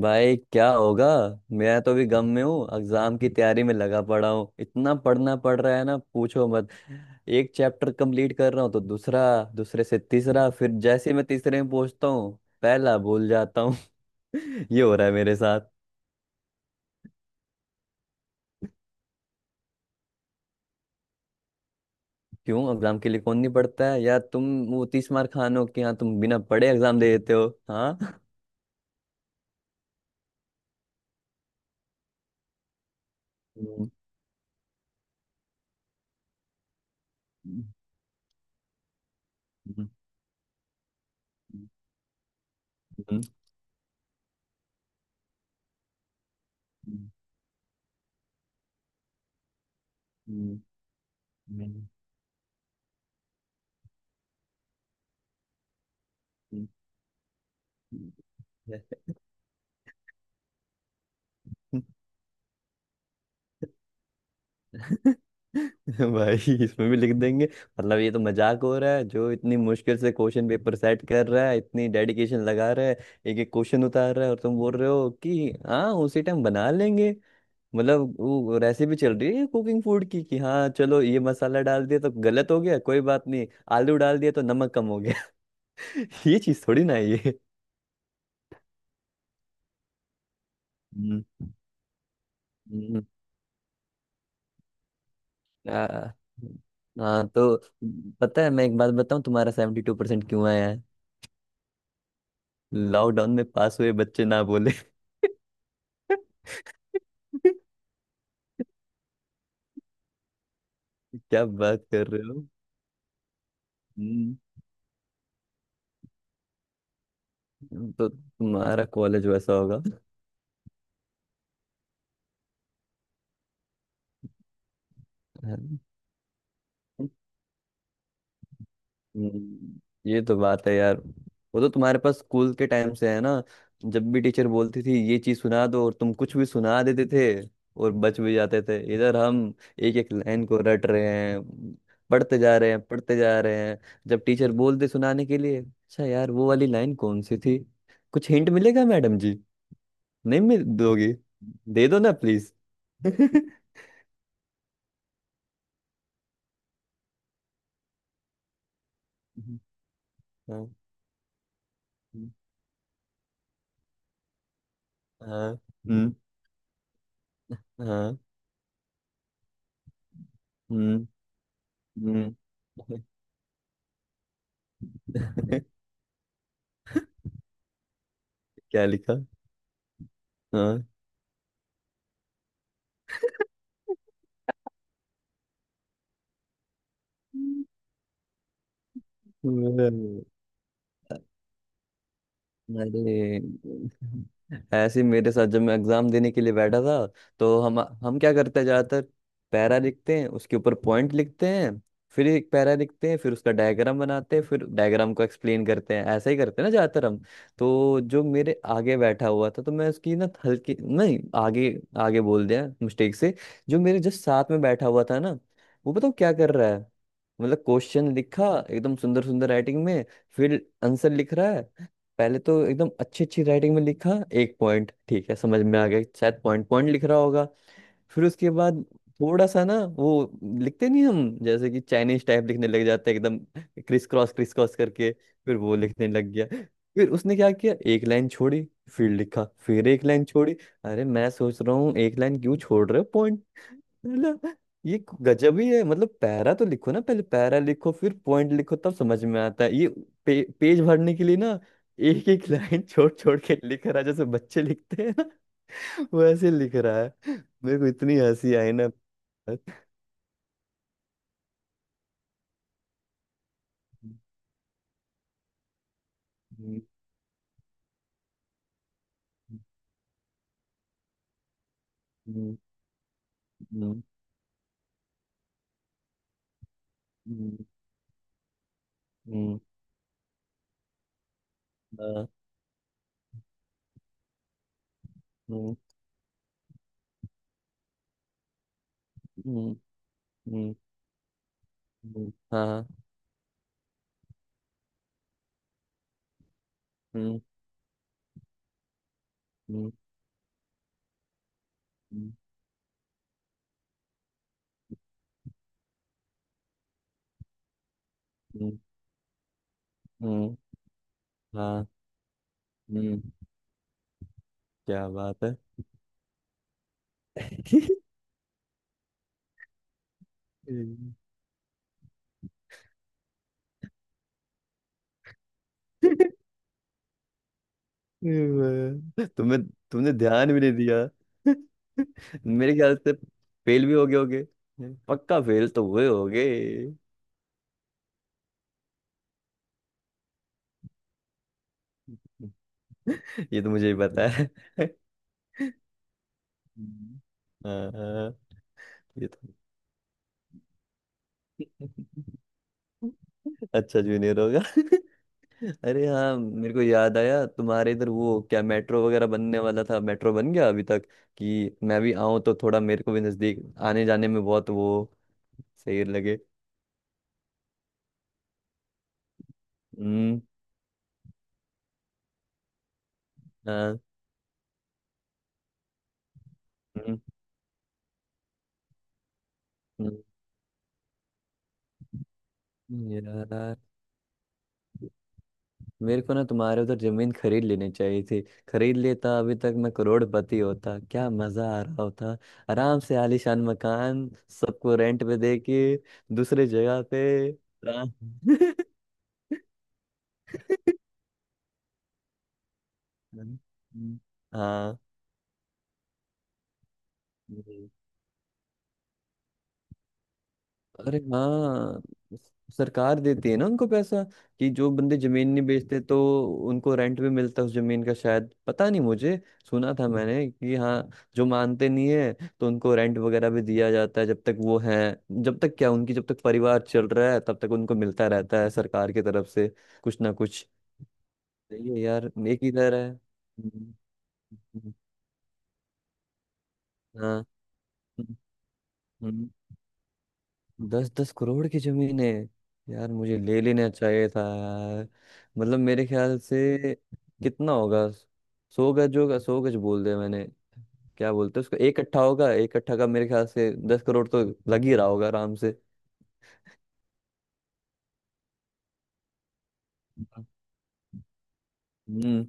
भाई क्या होगा। मैं तो अभी गम में हूँ, एग्जाम की तैयारी में लगा पड़ा हूँ। इतना पढ़ना पड़ रहा है ना, पूछो मत। एक चैप्टर कंप्लीट कर रहा हूँ तो दूसरा, दूसरे से तीसरा, फिर जैसे ही मैं तीसरे में पहुंचता हूँ पहला भूल जाता हूँ। ये हो रहा है मेरे साथ। क्यों, एग्जाम के लिए कौन नहीं पढ़ता है? या तुम वो तीस मार खान हो कि हाँ, तुम बिना पढ़े एग्जाम दे देते हो? हाँ। हम्म। हम्म। हम्म। हम्म। हम्म। हम्म। हम्म। हम्म। हम्म। भाई, इसमें भी लिख देंगे? मतलब ये तो मजाक हो रहा है। जो इतनी मुश्किल से क्वेश्चन पेपर सेट कर रहा है, इतनी डेडिकेशन लगा रहा है, एक एक क्वेश्चन उतार रहा है, और तुम बोल रहे हो कि हाँ उसी टाइम बना लेंगे। मतलब वो रेसिपी चल रही है कुकिंग फूड की, कि हाँ चलो ये मसाला डाल दिया तो गलत हो गया कोई बात नहीं, आलू डाल दिया तो नमक कम हो गया। ये चीज थोड़ी ना है ये। हम्म। हम्म। आ, हाँ तो, पता है, मैं एक बात बताऊं, तुम्हारा 72% क्यों आया? लॉकडाउन में पास हुए बच्चे ना, बोले। क्या बात कर रहे हो। हम्म। तो तुम्हारा कॉलेज वैसा होगा। हम्म। ये तो बात है यार। वो तो तुम्हारे पास स्कूल के टाइम से है ना। जब भी टीचर बोलती थी ये चीज सुना दो, और तुम कुछ भी सुना देते थे, और बच भी जाते थे। इधर हम एक एक लाइन को रट रहे हैं, पढ़ते जा रहे हैं, पढ़ते जा रहे हैं। जब टीचर बोलते सुनाने के लिए, अच्छा यार वो वाली लाइन कौन सी थी, कुछ हिंट मिलेगा मैडम जी? नहीं मिल दोगी? दे दो ना प्लीज। हाँ। हाँ। हम्म। हाँ। हम्म। हम्म। क्या लिखा? हाँ। अरे, ऐसे ही मेरे साथ जब मैं एग्जाम देने के लिए बैठा था, तो हम क्या करते हैं ज्यादातर? पैरा लिखते हैं, उसके ऊपर पॉइंट लिखते हैं, फिर एक पैरा लिखते हैं, फिर उसका डायग्राम बनाते हैं, फिर डायग्राम को एक्सप्लेन करते हैं, ऐसा ही करते हैं ना ज्यादातर हम। तो जो मेरे आगे बैठा हुआ था, तो मैं उसकी ना हल्की, नहीं आगे, आगे बोल दिया मिस्टेक से। जो मेरे जस्ट साथ में बैठा हुआ था ना, वो बताओ क्या कर रहा है। मतलब क्वेश्चन लिखा एकदम सुंदर सुंदर राइटिंग में, फिर आंसर लिख रहा है। पहले तो एकदम अच्छी अच्छी राइटिंग में लिखा, एक पॉइंट, ठीक है समझ में आ गया, शायद पॉइंट पॉइंट लिख रहा होगा। फिर उसके बाद थोड़ा सा ना, वो लिखते नहीं हम जैसे, कि चाइनीज टाइप लिखने लग जाते हैं एकदम, क्रिस क्रॉस करके, फिर वो लिखने लग गया। फिर उसने क्या किया, एक लाइन छोड़ी, फिर लिखा, फिर एक लाइन छोड़ी। अरे मैं सोच रहा हूँ एक लाइन क्यों छोड़ रहे हो, पॉइंट मतलब, ये गजब ही है। मतलब पैरा तो लिखो ना, पहले पैरा लिखो फिर पॉइंट लिखो, तब समझ में आता है ये। पेज भरने के लिए ना, एक एक लाइन छोड़ छोड़ के लिख रहा है, जैसे बच्चे लिखते हैं ना। वैसे लिख रहा है। मेरे को इतनी हंसी आई ना। हम्म। हम्म। हम्म। हम्म। हम्म। हाँ। हम्म। हम्म। हम्म। हम्म। हाँ। हम्म। हम्म। हम्म। हम्म। हाँ। हम्म। क्या बात है। वाह। तुमने तुमने ध्यान भी नहीं दिया। मेरे ख्याल से फेल भी हो गए होगे, पक्का फेल तो हुए होगे। ये तो मुझे ही पता है। हम्म। हाँ। हाँ। ये तो अच्छा जूनियर होगा। अरे हाँ, मेरे को याद आया, तुम्हारे इधर वो क्या मेट्रो वगैरह बनने वाला था, मेट्रो बन गया अभी तक? कि मैं भी आऊं तो थोड़ा मेरे को भी नजदीक, आने जाने में बहुत वो सही लगे। हम्म। हाँ। हम्म। हम्म। यार, मेरे को ना तुम्हारे उधर जमीन खरीद लेनी चाहिए थी। खरीद लेता अभी तक, मैं करोड़पति होता, क्या मजा आ रहा होता। आराम से आलीशान मकान, सबको रेंट पे दे के, दूसरे जगह पे आराम- हाँ। जी। अरे हाँ, सरकार देती है ना उनको पैसा, कि जो बंदे जमीन नहीं बेचते तो उनको रेंट भी मिलता है उस जमीन का, शायद, पता नहीं मुझे। सुना था मैंने कि हाँ, जो मानते नहीं है तो उनको रेंट वगैरह भी दिया जाता है जब तक वो है। जब तक परिवार चल रहा है तब तक उनको मिलता रहता है सरकार की तरफ से कुछ ना कुछ। सही है यार, एक ही तरह है। हम्म। हम्म। हाँ, दस दस करोड़ की जमीन है? यार, मुझे ले लेना चाहिए था यार। मतलब मेरे ख्याल से कितना होगा, 100 गज होगा, 100 गज बोल दिया मैंने। क्या बोलते हैं उसको, एक कट्ठा होगा? एक कट्ठा का मेरे ख्याल से 10 करोड़ तो लग ही रहा होगा आराम से। हम्म।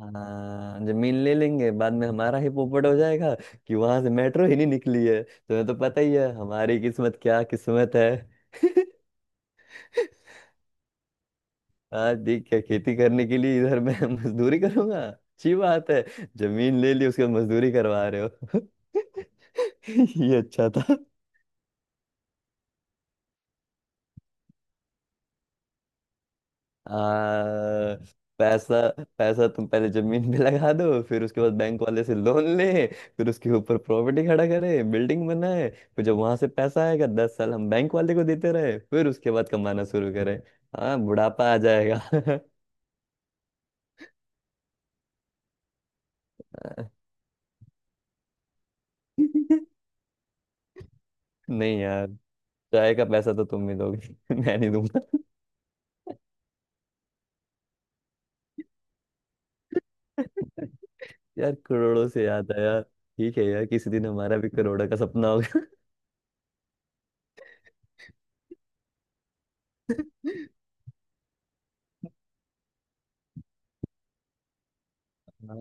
हाँ, जमीन ले लेंगे, बाद में हमारा ही पोपट हो जाएगा कि वहां से मेट्रो ही नहीं निकली है। तुम्हें तो पता ही है हमारी किस्मत, क्या किस्मत है। आज देख, क्या खेती करने के लिए इधर मैं मजदूरी करूंगा? अच्छी बात है, जमीन ले ली उसके बाद मजदूरी करवा रहे हो। ये अच्छा था। आ, पैसा पैसा तुम पहले जमीन पे लगा दो, फिर उसके बाद बैंक वाले से लोन ले, फिर उसके ऊपर प्रॉपर्टी खड़ा करे, बिल्डिंग बनाए, फिर जब वहां से पैसा आएगा, 10 साल हम बैंक वाले को देते रहे, फिर उसके बाद कमाना शुरू करें। हाँ बुढ़ापा आ जाएगा। नहीं यार, चाय का पैसा तो तुम ही दोगे। मैं नहीं दूंगा। यार, करोड़ों से याद आया, ठीक है यार, किसी दिन हमारा भी करोड़ों का सपना होगा। हाँ।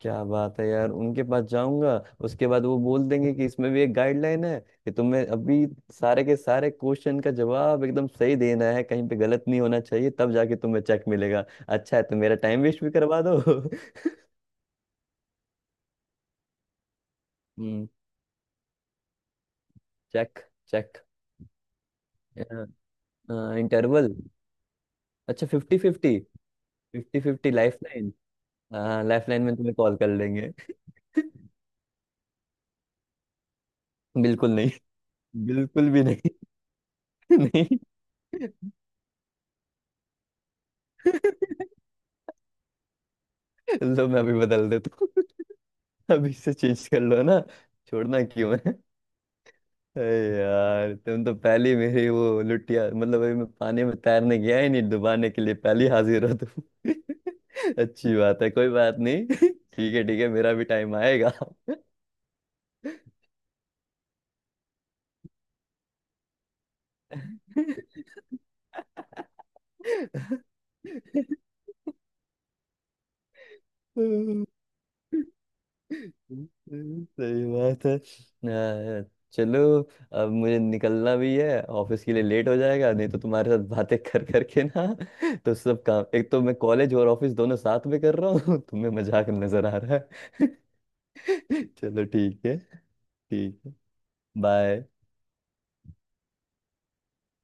क्या बात है यार, उनके पास जाऊंगा, उसके बाद वो बोल देंगे कि इसमें भी एक गाइडलाइन है, कि तुम्हें अभी सारे के सारे क्वेश्चन का जवाब एकदम सही देना है, कहीं पे गलत नहीं होना चाहिए, तब जाके तुम्हें चेक मिलेगा, अच्छा है, तो मेरा टाइम वेस्ट भी करवा दो। हम्म। चेक। चेक। इंटरवल। अच्छा, fifty fifty. Fifty fifty lifeline. हाँ, लाइफ लाइन में तुम्हें कॉल कर लेंगे। बिल्कुल नहीं। बिल्कुल भी नहीं। नहीं। लो मैं अभी बदल देता हूँ। अभी से चेंज कर लो ना, छोड़ना क्यों है? अरे यार, तुम तो पहली मेरी वो लुटिया, मतलब अभी मैं पानी में तैरने गया ही नहीं, डुबाने के लिए पहली हाजिर हो तुम। अच्छी बात है, कोई बात नहीं। ठीक है ठीक है, मेरा भी टाइम आएगा। हम्म। सही बात है। आ, चलो, अब मुझे निकलना भी है, ऑफिस के लिए लेट हो जाएगा, नहीं तो तुम्हारे साथ बातें कर करके ना, तो सब काम, एक तो मैं कॉलेज और ऑफिस दोनों साथ में कर रहा हूँ, तुम्हें मजाक नजर आ रहा है। चलो ठीक है ठीक है, बाय।